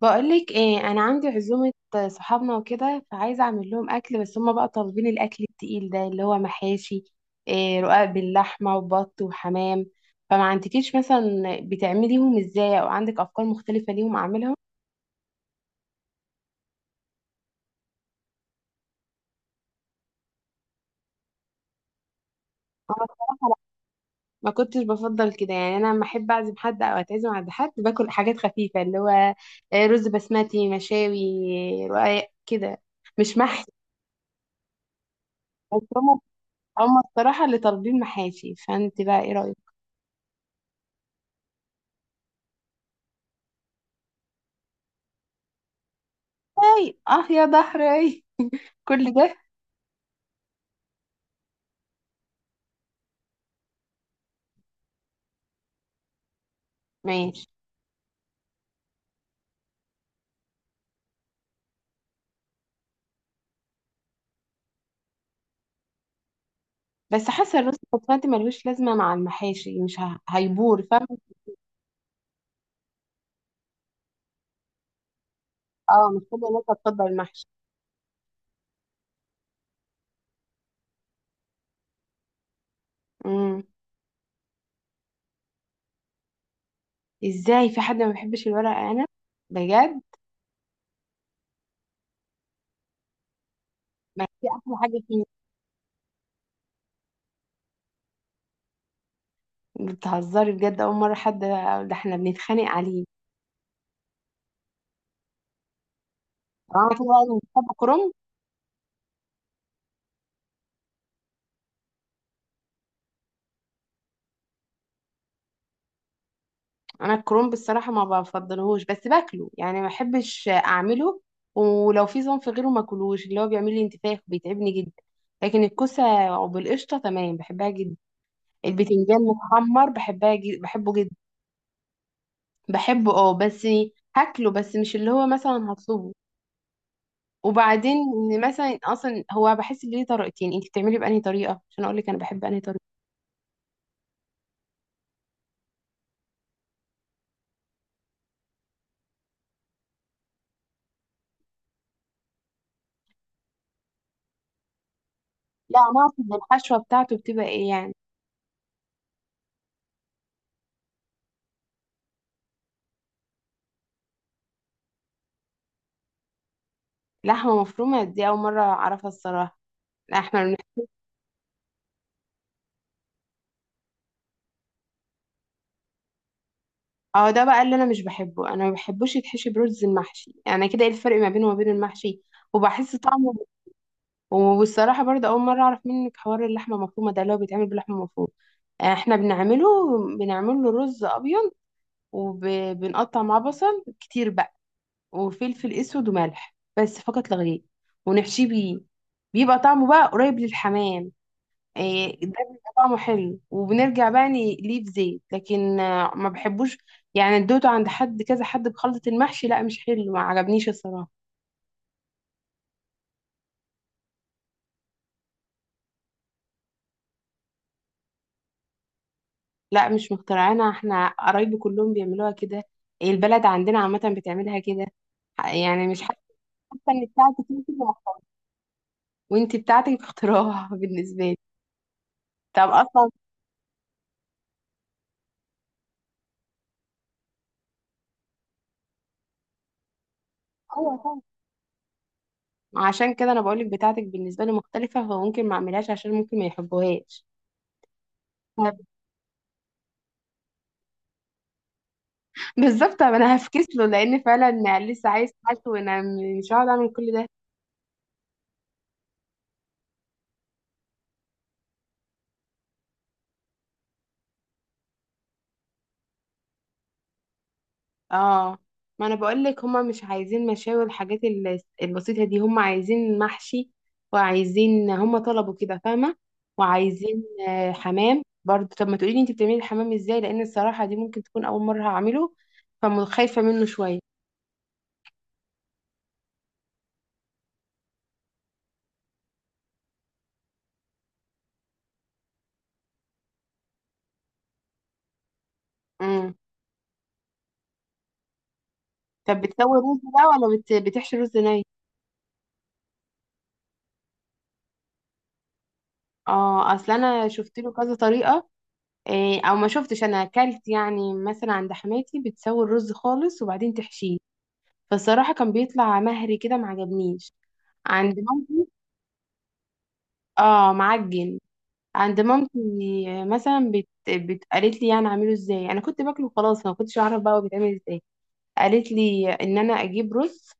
بقولك ايه؟ انا عندي عزومة صحابنا وكده، فعايزة اعمل لهم اكل. بس هما بقى طالبين الاكل التقيل ده، اللي هو محاشي، إيه، رقاق باللحمة، وبط وحمام. فما عندكيش مثلا بتعمليهم ازاي، او عندك افكار مختلفة ليهم اعملهم؟ انا بصراحة لا. ما كنتش بفضل كده يعني. انا لما احب اعزم حد او اتعزم عند حد، باكل حاجات خفيفة، اللي هو إيه، رز بسمتي، مشاوي، رقاق كده، مش محشي. بس هما الصراحة اللي طالبين محاشي، فانت بقى ايه رأيك؟ اي اه، يا ضهري كل ده! ماشي. بس حاسه الرز البسمتي ملوش لازمه مع المحاشي، مش هيبور، فاهم؟ اه، مش كل الناس هتفضل المحشي. امم. ازاي في حد ما بيحبش الورق عنب؟ بجد؟ ما دي احلى حاجه فيه. بتهزري؟ بجد، اول مره حد. ده احنا بنتخانق عليه. اه كده؟ يعني بتحب كرنب. انا الكرومب الصراحه ما بفضلهوش، بس باكله، يعني ما بحبش اعمله، ولو في صنف غيره ما اكلوش. اللي هو بيعمل لي انتفاخ، بيتعبني جدا. لكن الكوسه وبالقشطه تمام، بحبها جدا. البتنجان متحمر بحبها جدا، بحبه جدا. بحبه، اه، بس هاكله بس مش اللي هو مثلا هطلبه. وبعدين إن مثلا اصلا هو بحس ان ليه طريقتين، انت بتعملي بانهي طريقه عشان اقول لك انا بحب انهي طريقه. لا، انا اقصد الحشوه بتاعته بتبقى ايه يعني. لحمه مفرومه؟ دي اول مره اعرفها الصراحه. لا، احنا. اه، ده بقى اللي انا مش بحبه. انا ما بحبوش يتحشي برز المحشي، يعني كده ايه الفرق ما بينه وما بين المحشي؟ وبحس طعمه. والصراحه برضه اول مره اعرف منك حوار اللحمه المفرومه ده، اللي هو بيتعمل باللحمه المفرومه. احنا بنعمله، بنعمل له رز ابيض، وبنقطع معاه بصل كتير بقى، وفلفل اسود وملح، بس فقط لا غير، ونحشيه بيه. بيبقى طعمه بقى قريب للحمام. إيه، ده بيبقى طعمه حلو، وبنرجع بقى نقليه في زيت، لكن ما بحبوش. يعني ادوته عند حد، كذا حد بخلطة المحشي، لا، مش حلو، ما عجبنيش الصراحة. لا، مش مخترعينها، احنا قرايبي كلهم بيعملوها كده. البلد عندنا عامة بتعملها كده، يعني مش حاسة ان بتاعتك انت اللي مخترعة. وانت بتاعتك اختراع بالنسبة لي. طب اصلا. ايوه طبعا. عشان كده انا بقولك بتاعتك بالنسبة لي مختلفة، فممكن ما اعملهاش عشان ممكن ما يحبوهاش. بالظبط. طب انا هفكس له، لان فعلا لسه عايز حالته، وانا مش هقعد اعمل كل ده. اه، ما انا بقول لك هما مش عايزين مشاوي، والحاجات البسيطه دي، هما عايزين محشي. وعايزين، هما طلبوا كده، فاهمه؟ وعايزين حمام برضه. طب ما تقولي لي انت بتعملي الحمام ازاي، لان الصراحه دي ممكن تكون اول مره هعمله، فخايفه منه شويه. امم. طب بتسوي رز بقى، ولا بتحشي رز ني؟ اه، اصل انا شفت له كذا طريقه. إيه، او ما شفتش، انا اكلت يعني مثلا عند حماتي، بتسوي الرز خالص وبعدين تحشيه، فالصراحه كان بيطلع مهري كده، ما عجبنيش. عند مامتي. اه، معجن. عند مامتي مثلا قالت لي يعني اعمله ازاي. انا كنت باكله خلاص، ما كنتش اعرف بقى هو بيتعمل ازاي. قالت لي ان انا اجيب رز،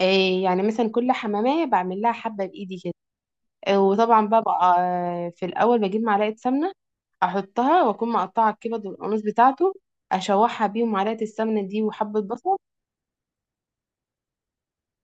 إيه، يعني مثلا كل حمامية بعمل لها حبة بإيدي كده. وطبعا بقى في الاول بجيب معلقه سمنه، احطها واكون مقطعه الكبد والقميص بتاعته، اشوحها بيهم معلقه السمنه دي وحبه بصل.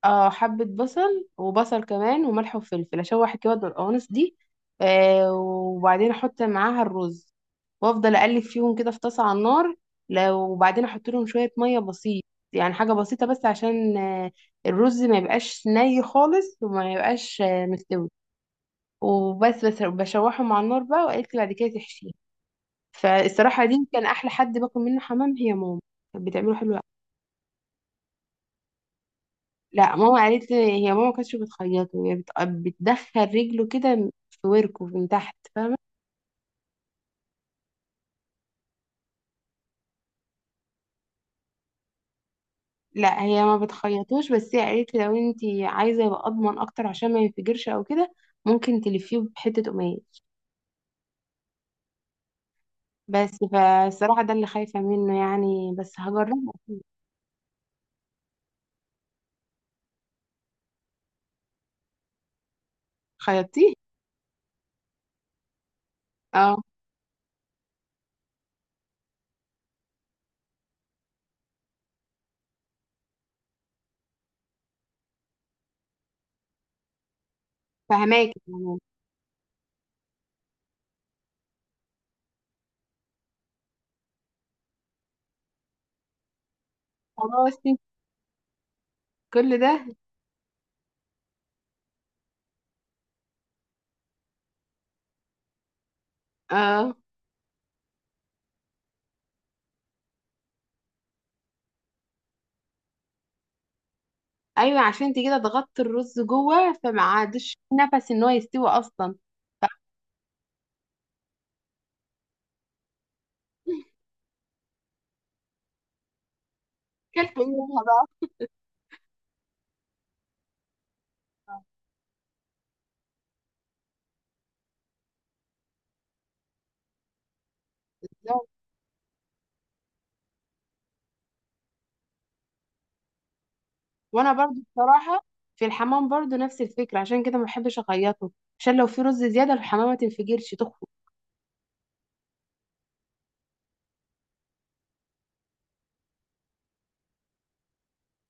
اه، حبه بصل وبصل كمان وملح وفلفل، اشوح الكبد والقوانص دي، وبعدين احط معاها الرز، وافضل اقلب فيهم كده في طاسه على النار. وبعدين احط لهم شويه ميه بسيط، يعني حاجه بسيطه، بس عشان الرز ما يبقاش ني خالص، وما يبقاش مستوي. وبس بشوحه مع النار بقى، وقالت لي بعد كده تحشيه. فالصراحه دي كان احلى حد باكل منه حمام، هي ماما. كانت بتعمله حلو أوي. لا، ماما قالت لي، هي ماما ما كانتش بتخيطه، هي بتدخل رجله كده في وركه من تحت، فاهمه؟ لا، هي ما بتخيطوش، بس هي قالت لي لو انت عايزه يبقى اضمن اكتر عشان ما ينفجرش او كده، ممكن تلفيه بحته قماش. بس فالصراحه ده اللي خايفه منه يعني، بس هجربه. خيطتيه؟ اه. فهماكي يعني. خلاص. كل ده! اه. ايوه، عشان انت كده ضغطت الرز جوه، فما عادش نفس ان هو يستوي اصلا. فاكلت ايه منها بقى؟ بالظبط. وانا برضو بصراحه في الحمام برضو نفس الفكره، عشان كده ما بحبش اخيطه، عشان لو في رز زياده الحمامه ما تنفجرش تخفق.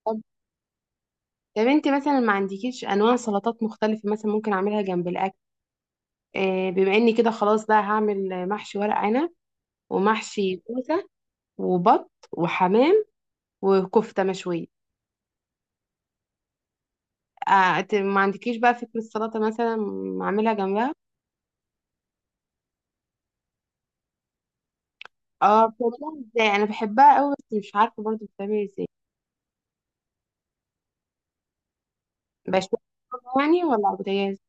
طب طب انت مثلا ما عندكيش انواع سلطات مختلفه، مثلا ممكن اعملها جنب الاكل، بما اني كده خلاص بقى هعمل محشي ورق عنب، ومحشي كوسه، وبط وحمام، وكفته مشويه. ما عندكيش بقى فكره سلطه مثلا اعملها جنبها؟ اه، بتعملها ازاي؟ انا بحبها قوي، بس مش عارفه برضو بتعمل ازاي. بشوها يعني، ولا على البوتاجاز؟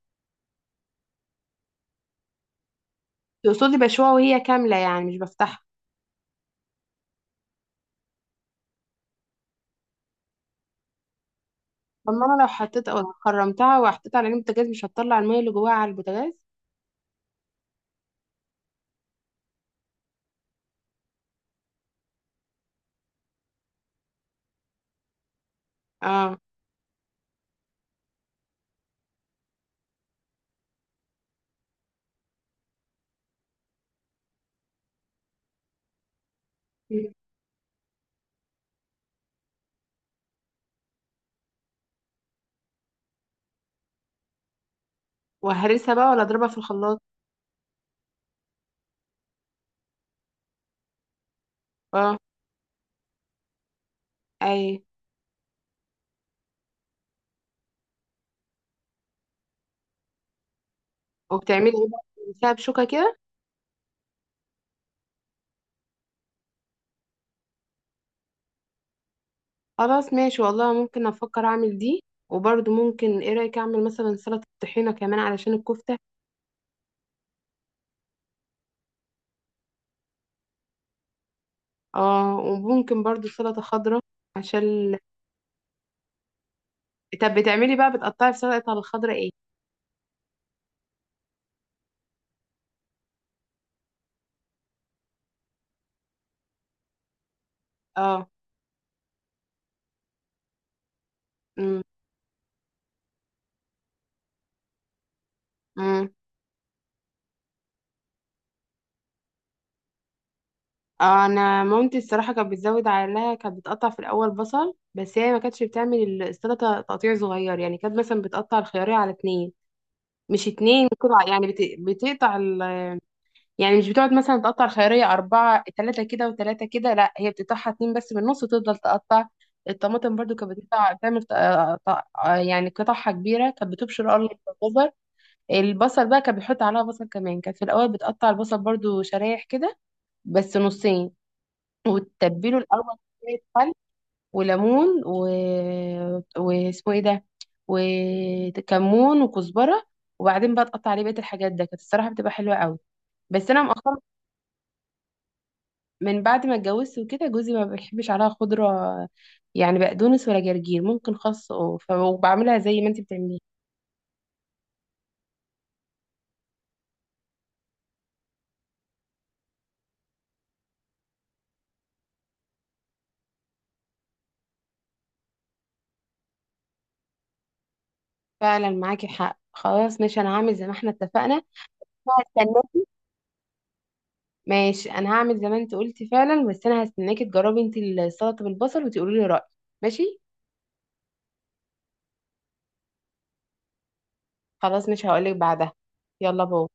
تقصدي بشوها وهي كامله، يعني مش بفتحها؟ طب ما انا لو حطيت او خرمتها وحطيتها على جنب البوتاجاز، مش هتطلع الميه اللي جواها على البوتاجاز؟ اه. مم. وهرسها بقى، ولا اضربها في الخلاط؟ اه، اي. وبتعملي ايه بقى، بتمسحيها بشوكه كده؟ خلاص ماشي، والله ممكن افكر اعمل دي. وبرضو ممكن، ايه رايك اعمل مثلا سلطه طحينه كمان علشان الكفته؟ اه، وممكن برضو سلطه خضراء عشان. طب بتعملي بقى، بتقطعي في السلطة الخضراء ايه؟ اه. امم. امم. انا مامتي الصراحة كانت بتزود عليها. كانت بتقطع في الاول بصل، بس هي ما كانتش بتعمل السلطة تقطيع صغير، يعني كانت مثلا بتقطع الخيارية على اتنين. مش اتنين قطع يعني، بتقطع يعني مش بتقعد مثلا تقطع الخيارية أربعة تلاتة كده وتلاتة كده، لا هي بتقطعها اتنين بس من النص وتفضل تقطع. الطماطم برضو كانت بتقطع، تعمل يعني قطعها كبيرة، كانت بتبشر قرن الجزر. البصل بقى كان بيحط عليها بصل كمان، كانت في الاول بتقطع البصل برضو شرايح كده، بس نصين، وتتبله الاول بشوية خل وليمون واسمه ايه ده، وكمون وكزبره، وبعدين بقى تقطع عليه بقيه الحاجات. ده كانت الصراحه بتبقى حلوه قوي. بس انا مؤخرا من بعد ما اتجوزت وكده، جوزي ما بيحبش عليها خضره، يعني بقدونس ولا جرجير، ممكن خس وبعملها زي ما انت بتعمليها. فعلا معاكي حق، خلاص ماشي، انا هعمل زي ما احنا اتفقنا. هستناكي. ماشي، انا هعمل زي ما انت قلتي فعلا، بس انا هستناكي تجربي انت السلطه بالبصل وتقولي لي رايك. ماشي. خلاص، مش هقولك بعدها. يلا، باي.